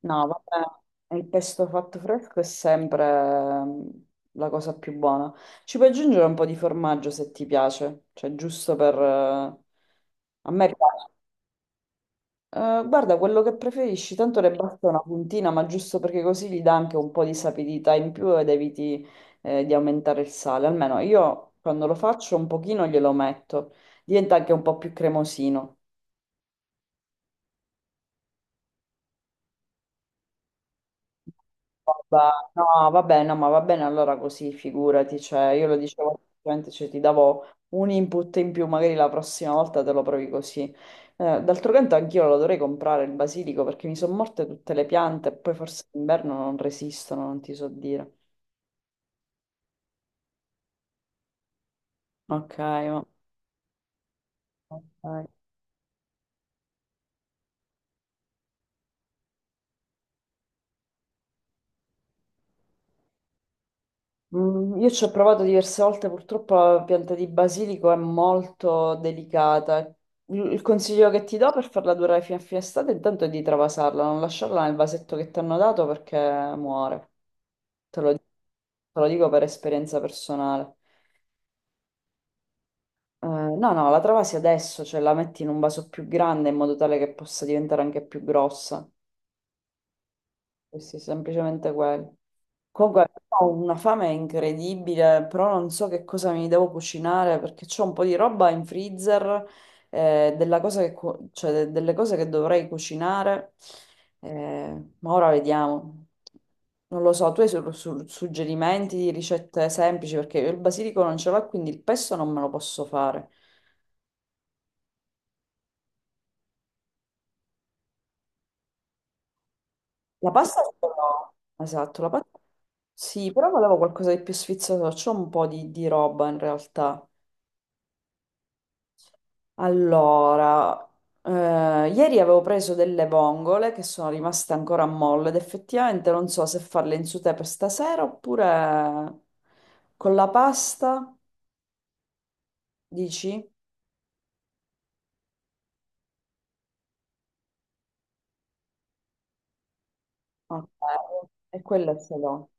No, vabbè, il pesto fatto fresco è sempre la cosa più buona. Ci puoi aggiungere un po' di formaggio se ti piace, cioè giusto per... a me piace. Guarda, quello che preferisci, tanto le basta una puntina, ma giusto perché così gli dà anche un po' di sapidità in più ed eviti di aumentare il sale. Almeno io quando lo faccio un pochino glielo metto, diventa anche un po' più cremosino. No, va bene, no, ma va bene allora così, figurati, cioè io lo dicevo, semplicemente, cioè, ti davo un input in più, magari la prossima volta te lo provi così. D'altro canto anch'io lo dovrei comprare il basilico perché mi sono morte tutte le piante e poi forse d'inverno non resistono, non ti so dire. Ok, ok. Mm, io ci ho provato diverse volte, purtroppo la pianta di basilico è molto delicata. Il consiglio che ti do per farla durare fino a fine estate intanto è di travasarla, non lasciarla nel vasetto che ti hanno dato perché muore. Te lo dico per esperienza personale. No, no, la travasi adesso, cioè la metti in un vaso più grande in modo tale che possa diventare anche più grossa. Sì, sì, semplicemente quello. Comunque ho una fame incredibile, però non so che cosa mi devo cucinare perché c'ho un po' di roba in freezer, della cosa che cioè, delle cose che dovrei cucinare, ma ora vediamo. Non lo so, tu hai suggerimenti di ricette semplici perché io il basilico non ce l'ho, quindi il pesto non me lo posso fare. La pasta ce l'ho. Esatto, la pasta sì, però volevo qualcosa di più sfizioso, c'ho un po' di roba in realtà. Allora, eh, ieri avevo preso delle vongole che sono rimaste ancora a molle ed effettivamente non so se farle in sauté per stasera oppure con la pasta, dici? Ok, e quella se l'ho.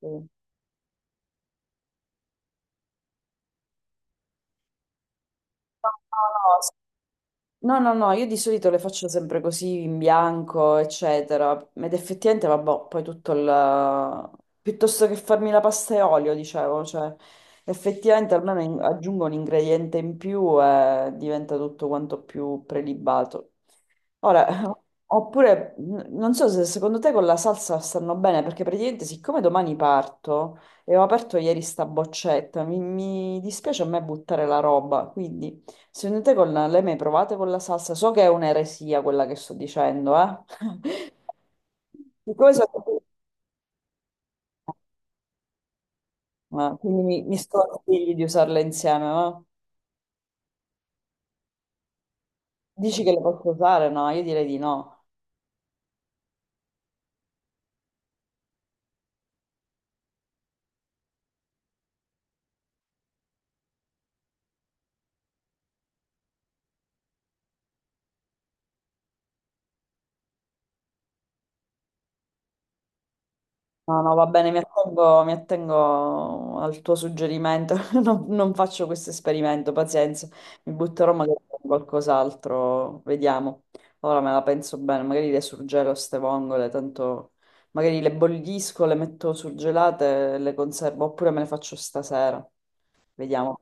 Sì. No, no, no, no, no, no, io di solito le faccio sempre così in bianco, eccetera. Ed effettivamente, vabbè, poi tutto il... piuttosto che farmi la pasta e olio, dicevo, cioè, effettivamente almeno aggiungo un ingrediente in più e diventa tutto quanto più prelibato. Ora, oppure, non so se secondo te con la salsa stanno bene, perché praticamente siccome domani parto e ho aperto ieri sta boccetta, mi dispiace a me buttare la roba, quindi secondo te con le mai provate con la salsa? So che è un'eresia quella che sto dicendo, eh? Siccome so- ma quindi mi sconsigli di usarle insieme, ma dici che le posso usare? No, io direi di no. No, no, va bene, mi attengo al tuo suggerimento. Non faccio questo esperimento, pazienza. Mi butterò magari con qualcos'altro, vediamo. Ora me la penso bene, magari le surgelo ste vongole, tanto magari le bollisco, le metto surgelate, le conservo, oppure me le faccio stasera. Vediamo.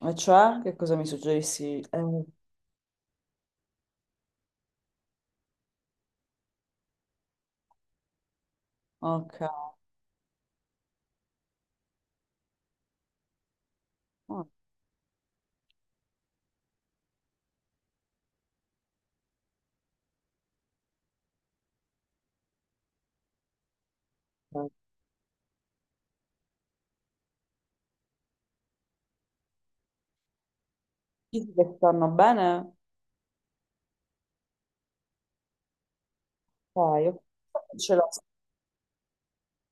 E cioè, che cosa mi suggerissi? Ok. Ok. Dici che stanno bene? Dai, io ce l'ho.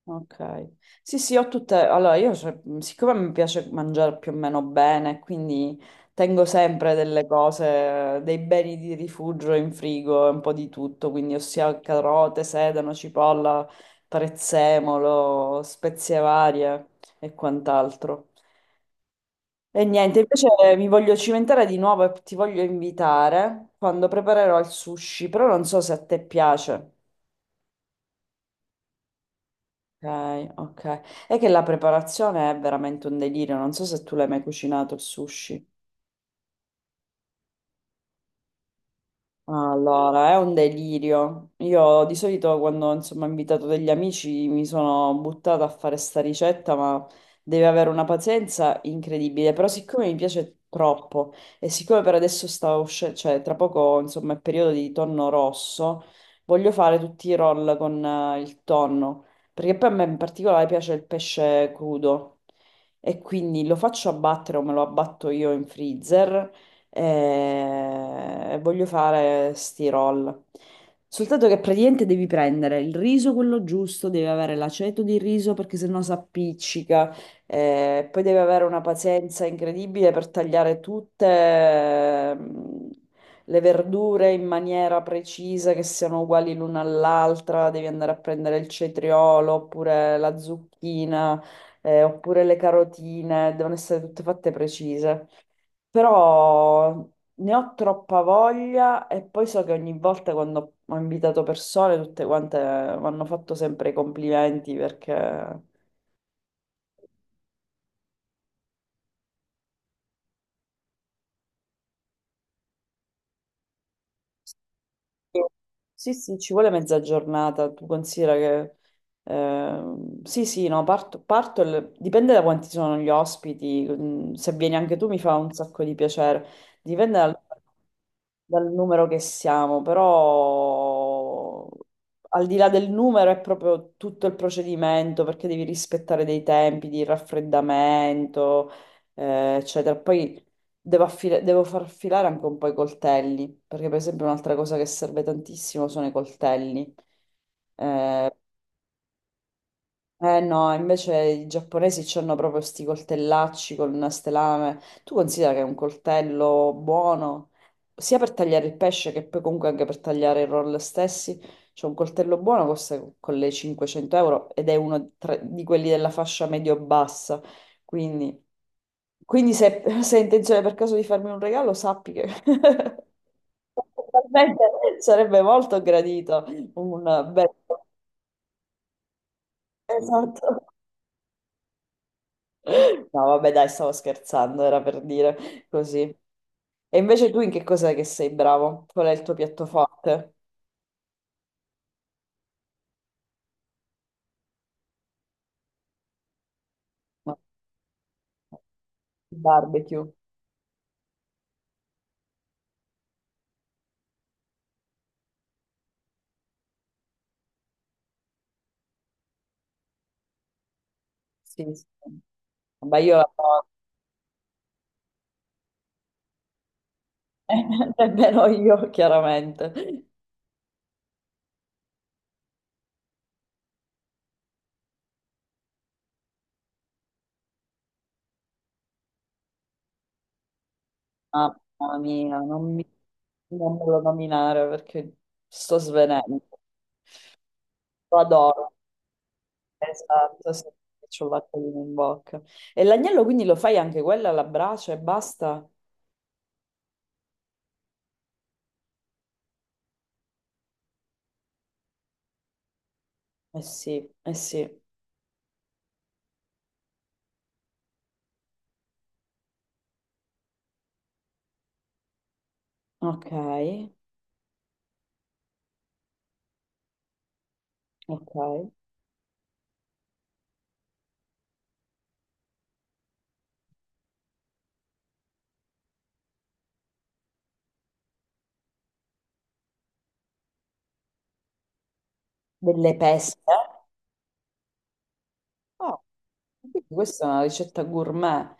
Ok. Sì, sì, ho tutte... Allora, io, cioè, siccome mi piace mangiare più o meno bene, quindi tengo sempre delle cose, dei beni di rifugio in frigo, un po' di tutto, quindi ossia carote, sedano, cipolla, prezzemolo, spezie varie e quant'altro. E niente, invece mi voglio cimentare di nuovo e ti voglio invitare quando preparerò il sushi, però non so se a te piace. Ok, ok. È che la preparazione è veramente un delirio, non so se tu l'hai mai cucinato il sushi. Allora, è un delirio. Io di solito quando insomma ho invitato degli amici mi sono buttata a fare sta ricetta, ma deve avere una pazienza incredibile. Però siccome mi piace troppo e siccome per adesso sta uscendo, cioè tra poco insomma è periodo di tonno rosso, voglio fare tutti i roll con il tonno, perché poi a me in particolare piace il pesce crudo e quindi lo faccio abbattere o me lo abbatto io in freezer e voglio fare sti roll. Soltanto che praticamente devi prendere il riso quello giusto, devi avere l'aceto di riso perché sennò si appiccica, poi devi avere una pazienza incredibile per tagliare tutte le verdure in maniera precisa, che siano uguali l'una all'altra, devi andare a prendere il cetriolo oppure la zucchina, oppure le carotine, devono essere tutte fatte precise. Però ne ho troppa voglia e poi so che ogni volta quando ho invitato persone, tutte quante mi hanno fatto sempre i complimenti perché sì, sì, ci vuole mezza giornata, tu considera che... sì, sì, no, parto, dipende da quanti sono gli ospiti, mm, se vieni anche tu mi fa un sacco di piacere, dipende dal, dal numero che siamo, però al di là del numero è proprio tutto il procedimento, perché devi rispettare dei tempi di raffreddamento, eccetera. Poi devo far filare anche un po' i coltelli, perché per esempio un'altra cosa che serve tantissimo sono i coltelli. Eh no, invece i giapponesi hanno proprio sti coltellacci con queste lame. Tu considera che è un coltello buono, sia per tagliare il pesce che poi comunque anche per tagliare i roll stessi. C'è un coltello buono, costa con le 500 € ed è uno di quelli della fascia medio-bassa. Quindi, quindi se, se hai intenzione per caso di farmi un regalo, sappi che... Totalmente, sarebbe molto gradito un bel... Esatto. No, vabbè, dai, stavo scherzando, era per dire così. E invece tu in che cosa che sei bravo? Qual è il tuo piatto forte? Ma- barbecue. Sì, sì. Vabbè, io la so. Nemmeno io, chiaramente. Mamma mia, non mi... non me lo nominare perché sto svenendo. Lo adoro. Esatto, sì, cioccolatino in bocca. E l'agnello quindi lo fai anche quella alla brace e basta? Eh sì, eh sì. Ok, ok. Delle peste. Oh, quindi questa è una ricetta gourmet.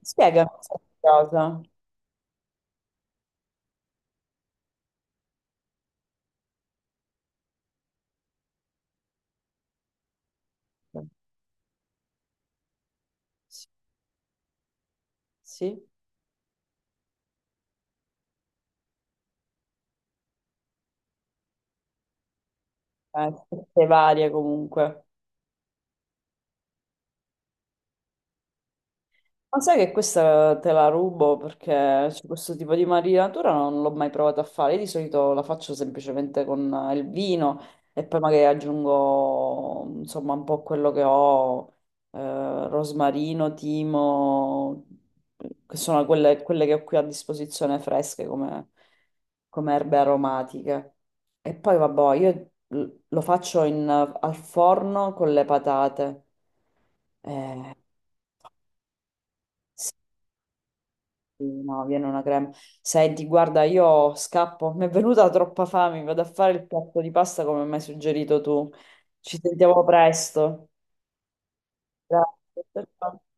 Spiegami questa cosa. Sì, sì. Peste varie comunque. Ma sai che questa te la rubo perché cioè, questo tipo di marinatura non l'ho mai provata a fare. Io di solito la faccio semplicemente con il vino e poi magari aggiungo insomma un po' quello che ho, rosmarino, timo, che sono quelle, quelle che ho qui a disposizione fresche come, come erbe aromatiche. E poi vabbè, io lo faccio al forno con le patate. Eh, Sì, no, viene una crema. Senti, guarda, io scappo. Mi è venuta troppa fame. Vado a fare il piatto di pasta come mi hai suggerito tu. Ci sentiamo presto. Grazie. Ciao, ciao.